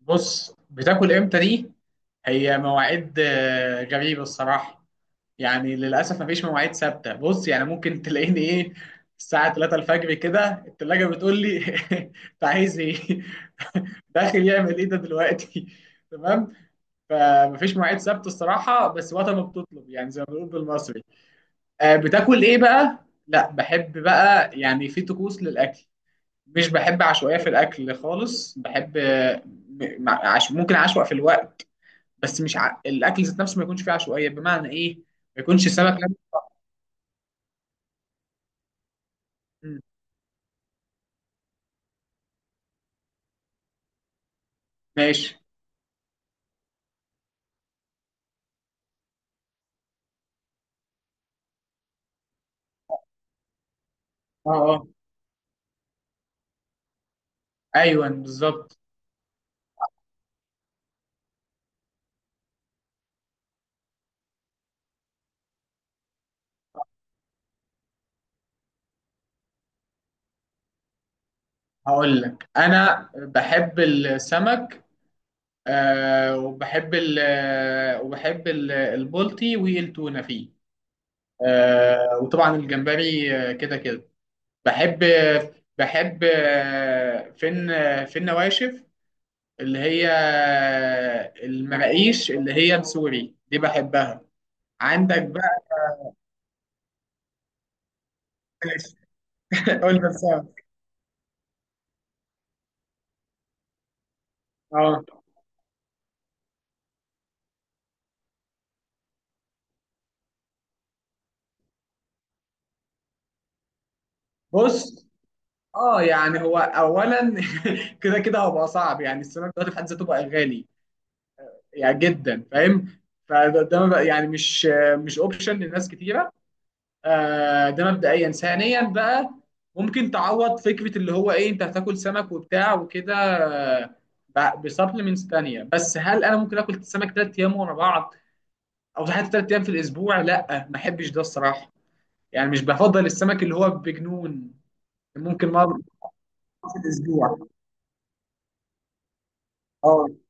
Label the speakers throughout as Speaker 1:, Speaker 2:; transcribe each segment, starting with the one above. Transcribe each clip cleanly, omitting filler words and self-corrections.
Speaker 1: بص، بتاكل امتى دي؟ هي مواعيد غريبه الصراحه. يعني للاسف مفيش مواعيد ثابته. بص يعني ممكن تلاقيني ايه الساعه 3 الفجر كده، التلاجة بتقول لي انت عايز ايه؟ داخل يعمل ايه ده دلوقتي؟ تمام. فمفيش مواعيد ثابته الصراحه، بس وقت ما بتطلب يعني زي ما بنقول بالمصري. بتاكل ايه بقى؟ لا بحب بقى يعني في طقوس للاكل، مش بحب عشوائية في الأكل خالص. بحب ممكن أعشوائي في الوقت، بس مش الأكل ذات نفسه ما يكونش فيه عشوائية. بمعنى إيه؟ ما يكونش سمك. مم، ماشي. أه، أيوه بالظبط. هقول لك أنا بحب السمك. آه وبحب ال وبحب البلطي والتونة فيه. آه وطبعا الجمبري، كده كده بحب بحب فين فين نواشف، اللي هي المراقيش اللي هي السوري دي بحبها. عندك بقى. قلنا سوا. اه بص، اه يعني هو اولا كده كده هبقى صعب. يعني السمك دلوقتي في حد ذاته بقى غالي يعني جدا، فاهم؟ فده ده ما بقى- يعني مش اوبشن لناس كتيره. آه ده مبدئيا. ثانيا بقى، ممكن تعوض فكره اللي هو ايه، انت هتاكل سمك وبتاع وكده بسبلمنتس تانية. بس هل انا ممكن اكل سمك ثلاث ايام ورا بعض او حتى ثلاث ايام في الاسبوع؟ لا ما احبش ده الصراحه. يعني مش بفضل السمك اللي هو بجنون. ممكن مره في الاسبوع. اه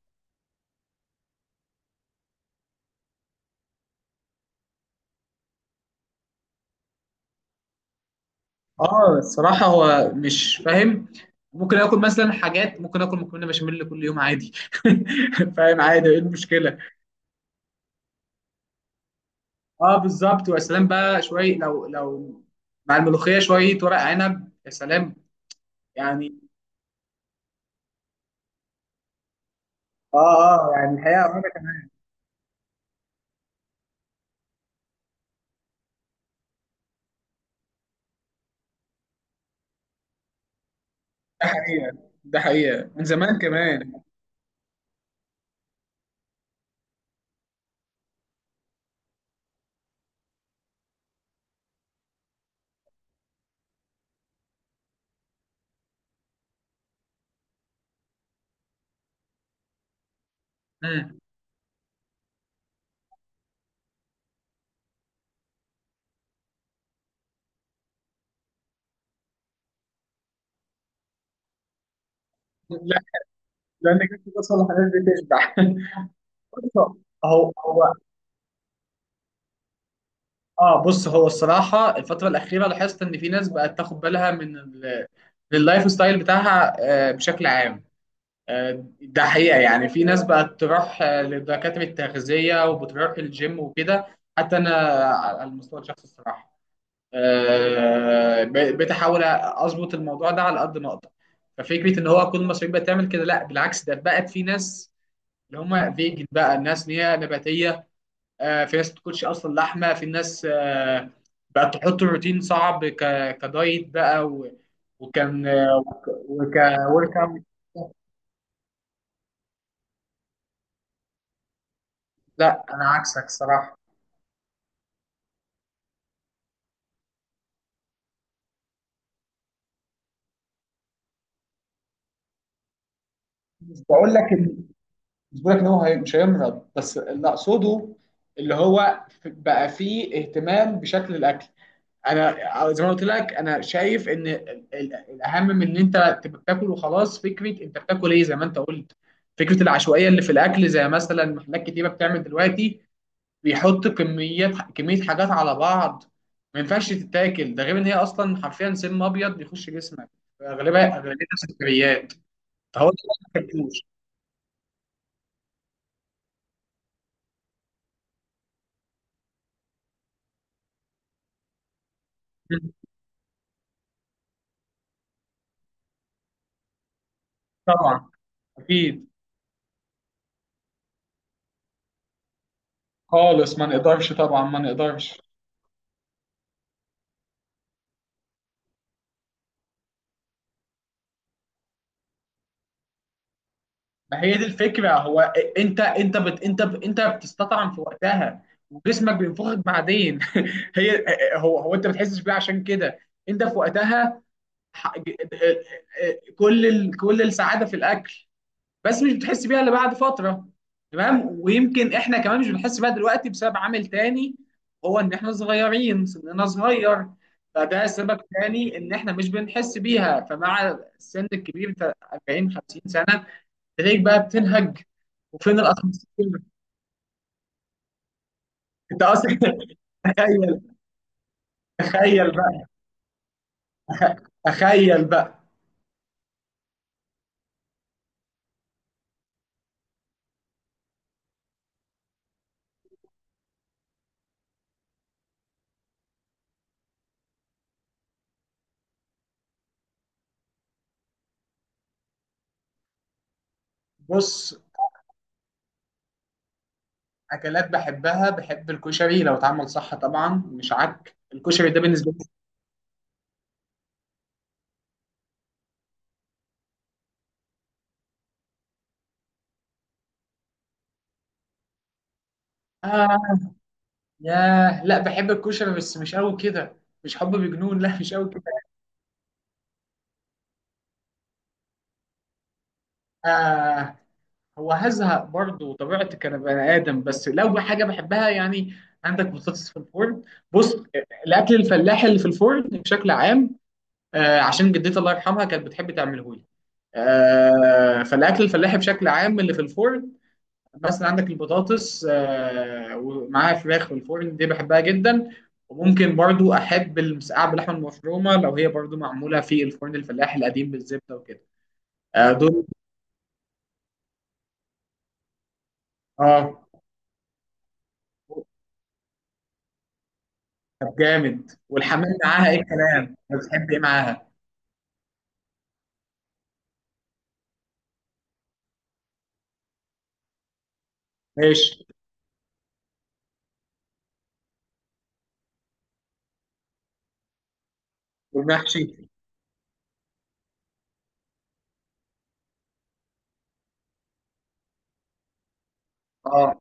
Speaker 1: اه، الصراحه هو مش فاهم. ممكن اكل مثلا حاجات، ممكن اكل مكرونه بشاميل كل يوم عادي. فاهم؟ عادي، ايه المشكله؟ اه بالظبط. ويا سلام بقى شويه، لو مع الملوخيه شويه ورق عنب، يا سلام. يعني، اه. اه يعني الحقيقه ده حقيقه. ده حقيقه من زمان كمان. مم. لا، لان كنت بصل الحاجات بتشبع. بص، هو اه. بص هو الصراحه الفتره الاخيره لاحظت ان في ناس بقت تاخد بالها من من اللايف ستايل بتاعها بشكل عام. ده حقيقه. يعني في ناس بقت تروح لدكاتره التغذيه، وبتروح الجيم وكده. حتى انا على المستوى الشخصي الصراحه بتحاول اظبط الموضوع ده على قد ما اقدر. ففكره ان هو كل المصريين بتعمل كده لا، بالعكس ده بقت في ناس اللي هم فيجن بقى، الناس اللي هي نباتيه. في ناس بتاكلش اصلا لحمه، في ناس بقت تحط روتين صعب، كدايت بقى و- وكان آه، وك ورك اوت. لا انا عكسك صراحه. مش بقول لك إن- مش بقول لك ان مش هيمرض، بس اللي اقصده اللي هو بقى فيه اهتمام بشكل الاكل. انا زي ما قلت لك، انا شايف ان الاهم من ان انت تبقى بتاكل وخلاص، فكره انت بتاكل ايه زي ما انت قلت. فكره العشوائيه اللي في الاكل، زي مثلا محلات كتيره بتعمل دلوقتي، بيحط كميات، كمية حاجات على بعض ما ينفعش تتاكل. ده غير ان هي اصلا حرفيا سم ابيض بيخش جسمك، اغلبها اغلبيتها سكريات. فهو ده، ما تاكلوش. طبعا اكيد خالص. ما نقدرش، طبعا ما نقدرش. ما هي دي الفكرة. هو انت انت بتستطعم في وقتها، وجسمك بينفخك بعدين. هي، هو انت ما بتحسش بيه، عشان كده انت في وقتها ح- ج- كل كل السعادة في الاكل، بس مش بتحس بيها الا بعد فتره. تمام. ويمكن احنا كمان مش بنحس بيها دلوقتي بسبب عامل تاني، هو ان احنا صغيرين، سننا صغير. فده سبب تاني ان احنا مش بنحس بيها. فمع السن الكبير بتاع 40 50 سنه، تلاقيك بقى بتنهج وفين الاسانسير. انت اصلا، تخيل. تخيل بقى. تخيل بقى. بص، اكلات بحبها، بحب الكشري لو اتعمل صح طبعا. مش عك الكشري ده بالنسبه لي. آه، ياه لا، بحب الكشري بس مش قوي كده. مش حب بجنون، لا مش قوي كده. آه. هو هزهق برضه، طبيعتي كان بني ادم. بس لو حاجه بحبها يعني، عندك بطاطس في الفرن. بص، الاكل الفلاحي اللي في الفرن بشكل عام، آه عشان جدتي الله يرحمها كانت بتحب تعمله لي. فالاكل الفلاحي بشكل عام اللي في الفرن، مثلا عندك البطاطس ومعاها فراخ في الفرن، دي بحبها جدا. وممكن برضو احب المسقعه باللحمه المفرومه، لو هي برضو معموله في الفرن الفلاحي القديم بالزبده وكده. دول. اه طب جامد، والحمام معاها، ايه الكلام، بتحب ايه معاها؟ ماشي. والمحشي. اه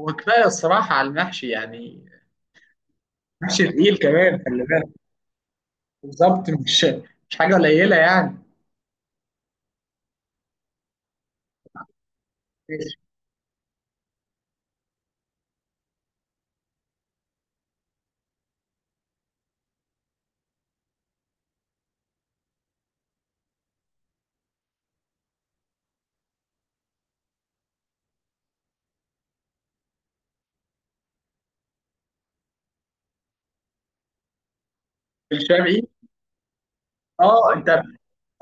Speaker 1: هو كفايه الصراحه على المحشي يعني. محشي تقيل كمان خلي بالك. بالظبط، مش حاجه قليله يعني. ماشي. الشرقي. اه انت.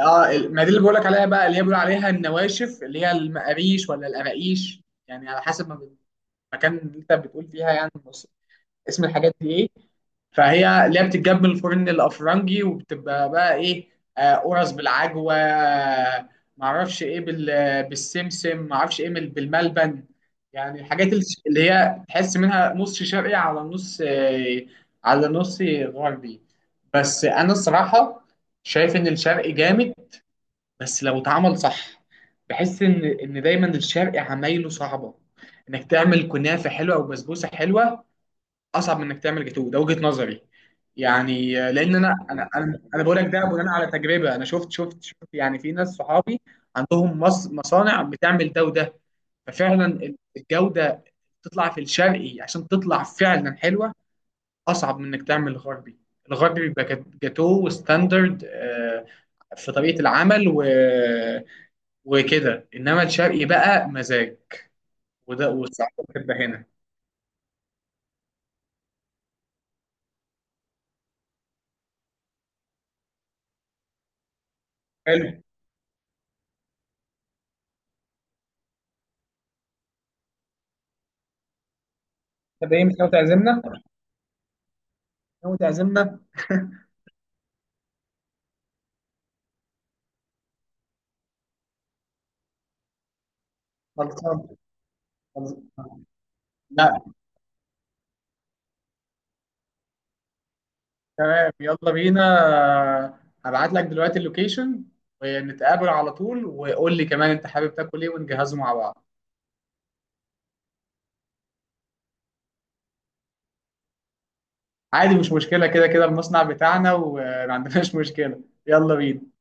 Speaker 1: اه ما دي اللي بقولك عليها بقى، اللي هي بيقولوا عليها النواشف، اللي هي المقاريش ولا القراقيش يعني، على حسب ما المكان اللي انت بتقول فيها. يعني بص، اسم الحاجات دي ايه، فهي اللي هي بتتجاب من الفرن الافرنجي وبتبقى بقى ايه، قرص بالعجوه، معرفش ايه بالسمسم، معرفش ايه بالملبن. يعني الحاجات اللي هي تحس منها نص شرقي على نص على نص غربي. بس انا الصراحه شايف ان الشرقي جامد بس لو اتعمل صح. بحس ان دايما الشرق عمايله صعبه، انك تعمل كنافه حلوه او بسبوسه حلوه اصعب من انك تعمل جاتوه. ده وجهه نظري يعني، لان أنا بقول لك ده بناء على تجربه. انا شفت يعني في ناس صحابي عندهم مصانع بتعمل ده وده. ففعلا الجوده تطلع في الشرقي، عشان تطلع فعلا حلوه اصعب من انك تعمل غربي. الغربي بيبقى جاتوه وستاندرد في طريقه العمل وكده، انما الشرقي بقى مزاج، وده والساعات بتبقى هنا. حلو. طب ايه، مش ناوي تعزمنا؟ ناوي تعزمنا؟ خلصان. خلصان. لا. تمام، يلا بينا. هبعت لك دلوقتي اللوكيشن ونتقابل على طول. وقول لي كمان انت حابب تاكل ايه ونجهزه مع بعض. عادي مش مشكلة، كده كده المصنع بتاعنا وما عندناش مشكلة. يلا بينا.